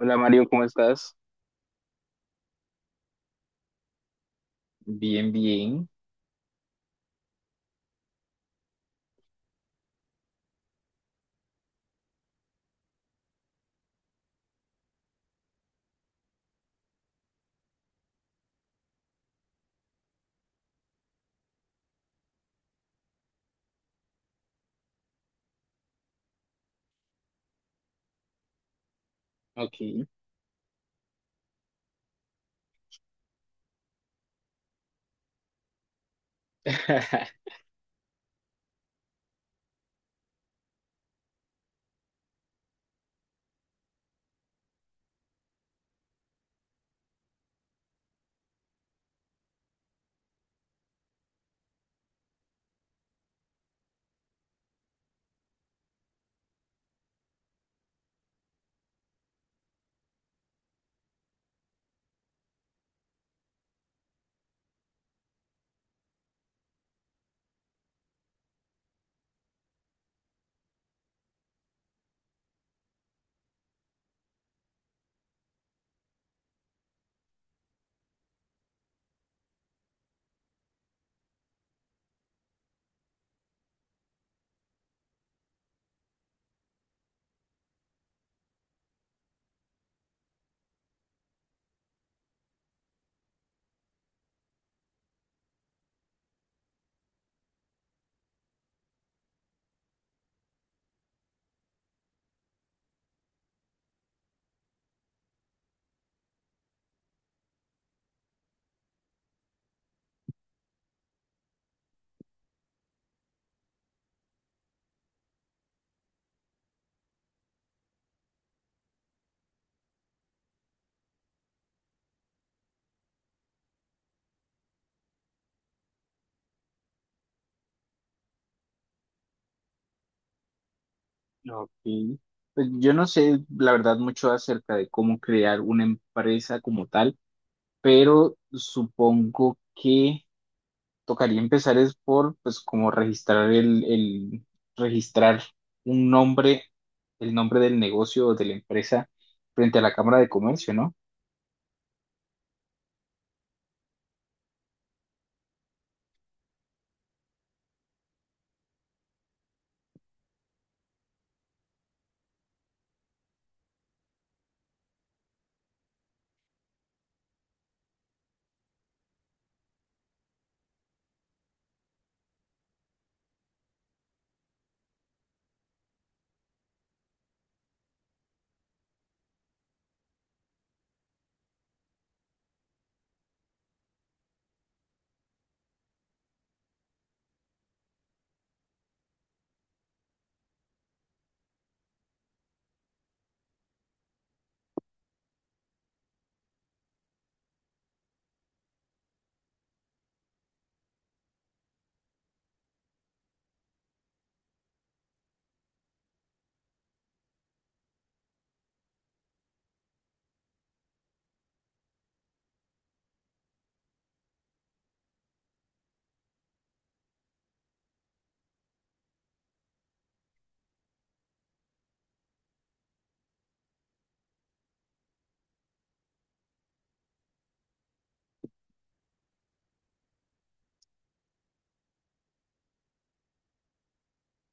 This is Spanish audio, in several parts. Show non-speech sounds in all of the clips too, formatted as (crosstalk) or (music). Hola Mario, ¿cómo estás? Bien, bien. Ok. (laughs) Ok. Pues yo no sé, la verdad, mucho acerca de cómo crear una empresa como tal, pero supongo que tocaría empezar es por, pues, como registrar registrar un nombre, el nombre del negocio o de la empresa frente a la Cámara de Comercio, ¿no?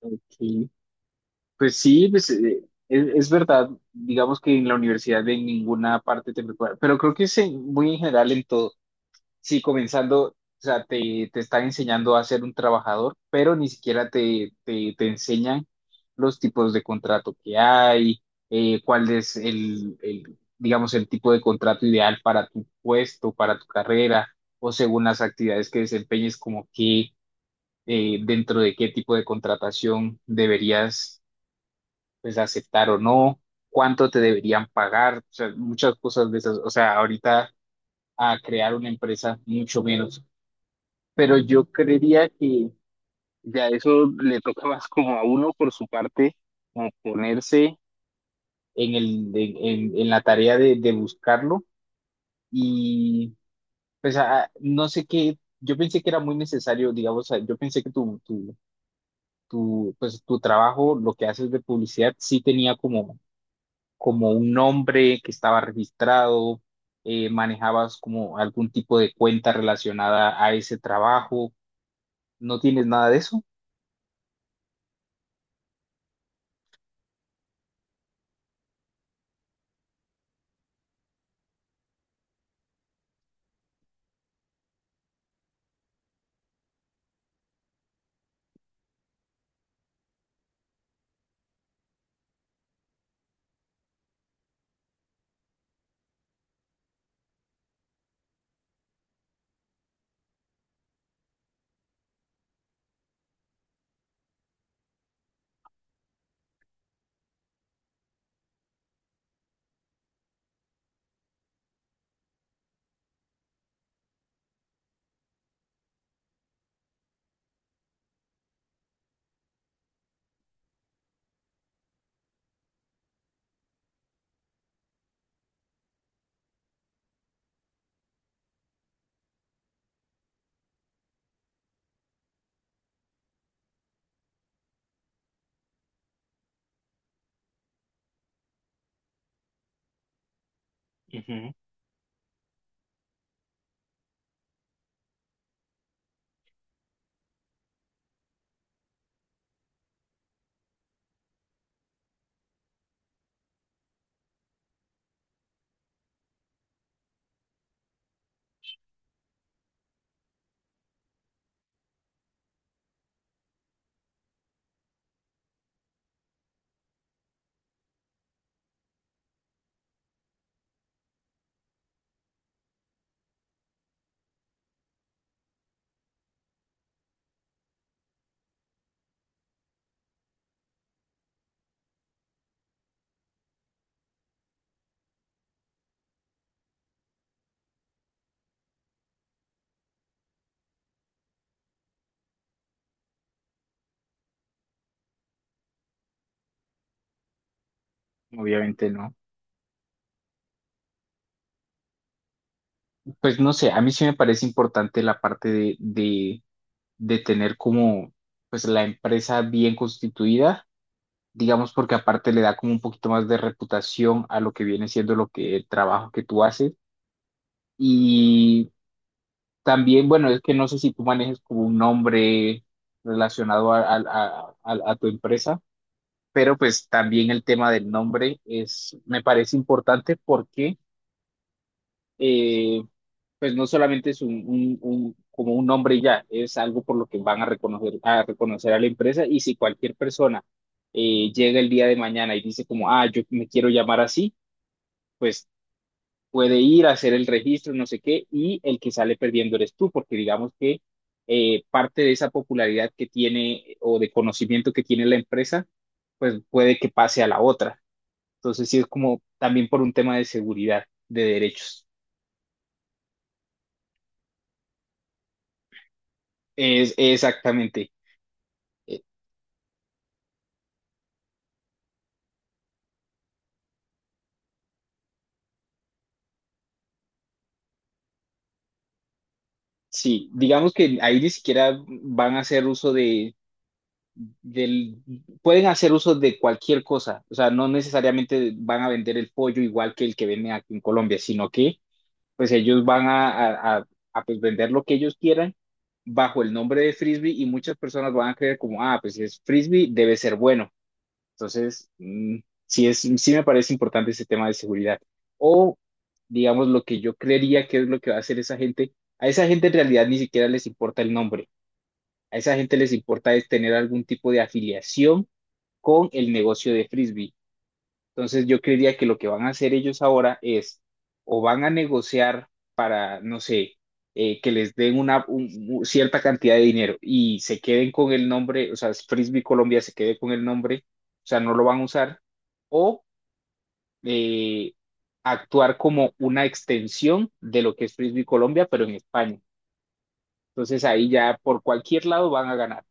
Ok. Pues sí, pues, es verdad, digamos que en la universidad de ninguna parte te prepara, pero creo que muy en general en todo. Sí, comenzando, o sea, te están enseñando a ser un trabajador, pero ni siquiera te enseñan los tipos de contrato que hay, cuál es digamos, el tipo de contrato ideal para tu puesto, para tu carrera, o según las actividades que desempeñes, como que dentro de qué tipo de contratación deberías pues aceptar o no, cuánto te deberían pagar, o sea, muchas cosas de esas. O sea, ahorita a crear una empresa, mucho menos. Pero yo creería que ya eso le toca más como a uno por su parte, como ponerse en el, en la tarea de buscarlo. Y pues no sé qué, yo pensé que era muy necesario, digamos, o sea, yo pensé que pues, tu trabajo, lo que haces de publicidad, sí tenía como como un nombre que estaba registrado, manejabas como algún tipo de cuenta relacionada a ese trabajo. ¿No tienes nada de eso? Ujú. Obviamente no. Pues no sé, a mí sí me parece importante la parte de tener como pues la empresa bien constituida, digamos porque aparte le da como un poquito más de reputación a lo que viene siendo lo que el trabajo que tú haces. Y también, bueno, es que no sé si tú manejes como un nombre relacionado a, tu empresa, pero pues también el tema del nombre es, me parece importante porque eh, pues no solamente es como un nombre y ya, es algo por lo que van a reconocer, a reconocer a la empresa. Y si cualquier persona llega el día de mañana y dice como, ah, yo me quiero llamar así, pues puede ir a hacer el registro, no sé qué, y el que sale perdiendo eres tú, porque digamos que parte de esa popularidad que tiene o de conocimiento que tiene la empresa, pues puede que pase a la otra. Entonces, sí es como también por un tema de seguridad, de derechos. Es exactamente. Eh, sí, digamos que ahí ni siquiera van a hacer uso del, pueden hacer uso de cualquier cosa, o sea, no necesariamente van a vender el pollo igual que el que venden aquí en Colombia, sino que pues ellos van a, pues vender lo que ellos quieran bajo el nombre de frisbee y muchas personas van a creer como, ah, pues si es frisbee debe ser bueno. Entonces, mm, sí es, sí me parece importante ese tema de seguridad. O, digamos, lo que yo creería que es lo que va a hacer esa gente, a esa gente en realidad ni siquiera les importa el nombre. A esa gente les importa es tener algún tipo de afiliación con el negocio de frisbee. Entonces yo creería que lo que van a hacer ellos ahora es o van a negociar para, no sé, que les den cierta cantidad de dinero y se queden con el nombre, o sea, Frisbee Colombia se quede con el nombre, o sea, no lo van a usar, o eh, actuar como una extensión de lo que es Frisbee Colombia, pero en España. Entonces ahí ya por cualquier lado van a ganar.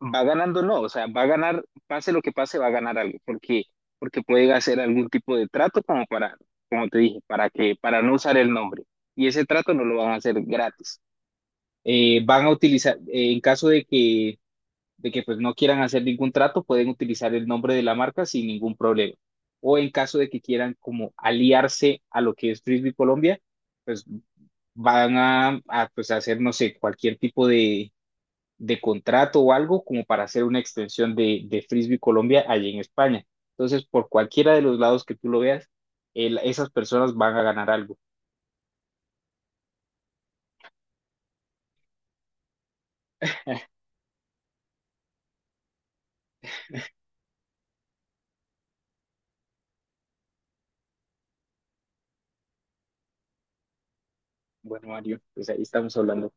Va ganando, no, o sea, va a ganar, pase lo que pase, va a ganar algo, porque, porque puede hacer algún tipo de trato como para, como te dije, para que, para no usar el nombre. Y ese trato no lo van a hacer gratis. Van a utilizar, en caso de que pues no quieran hacer ningún trato, pueden utilizar el nombre de la marca sin ningún problema. O en caso de que quieran como aliarse a lo que es Frisbee Colombia, pues van a pues hacer, no sé, cualquier tipo de contrato o algo como para hacer una extensión de Frisbee Colombia allí en España. Entonces, por cualquiera de los lados que tú lo veas, esas personas van a ganar algo. Bueno, Mario, pues ahí estamos hablando.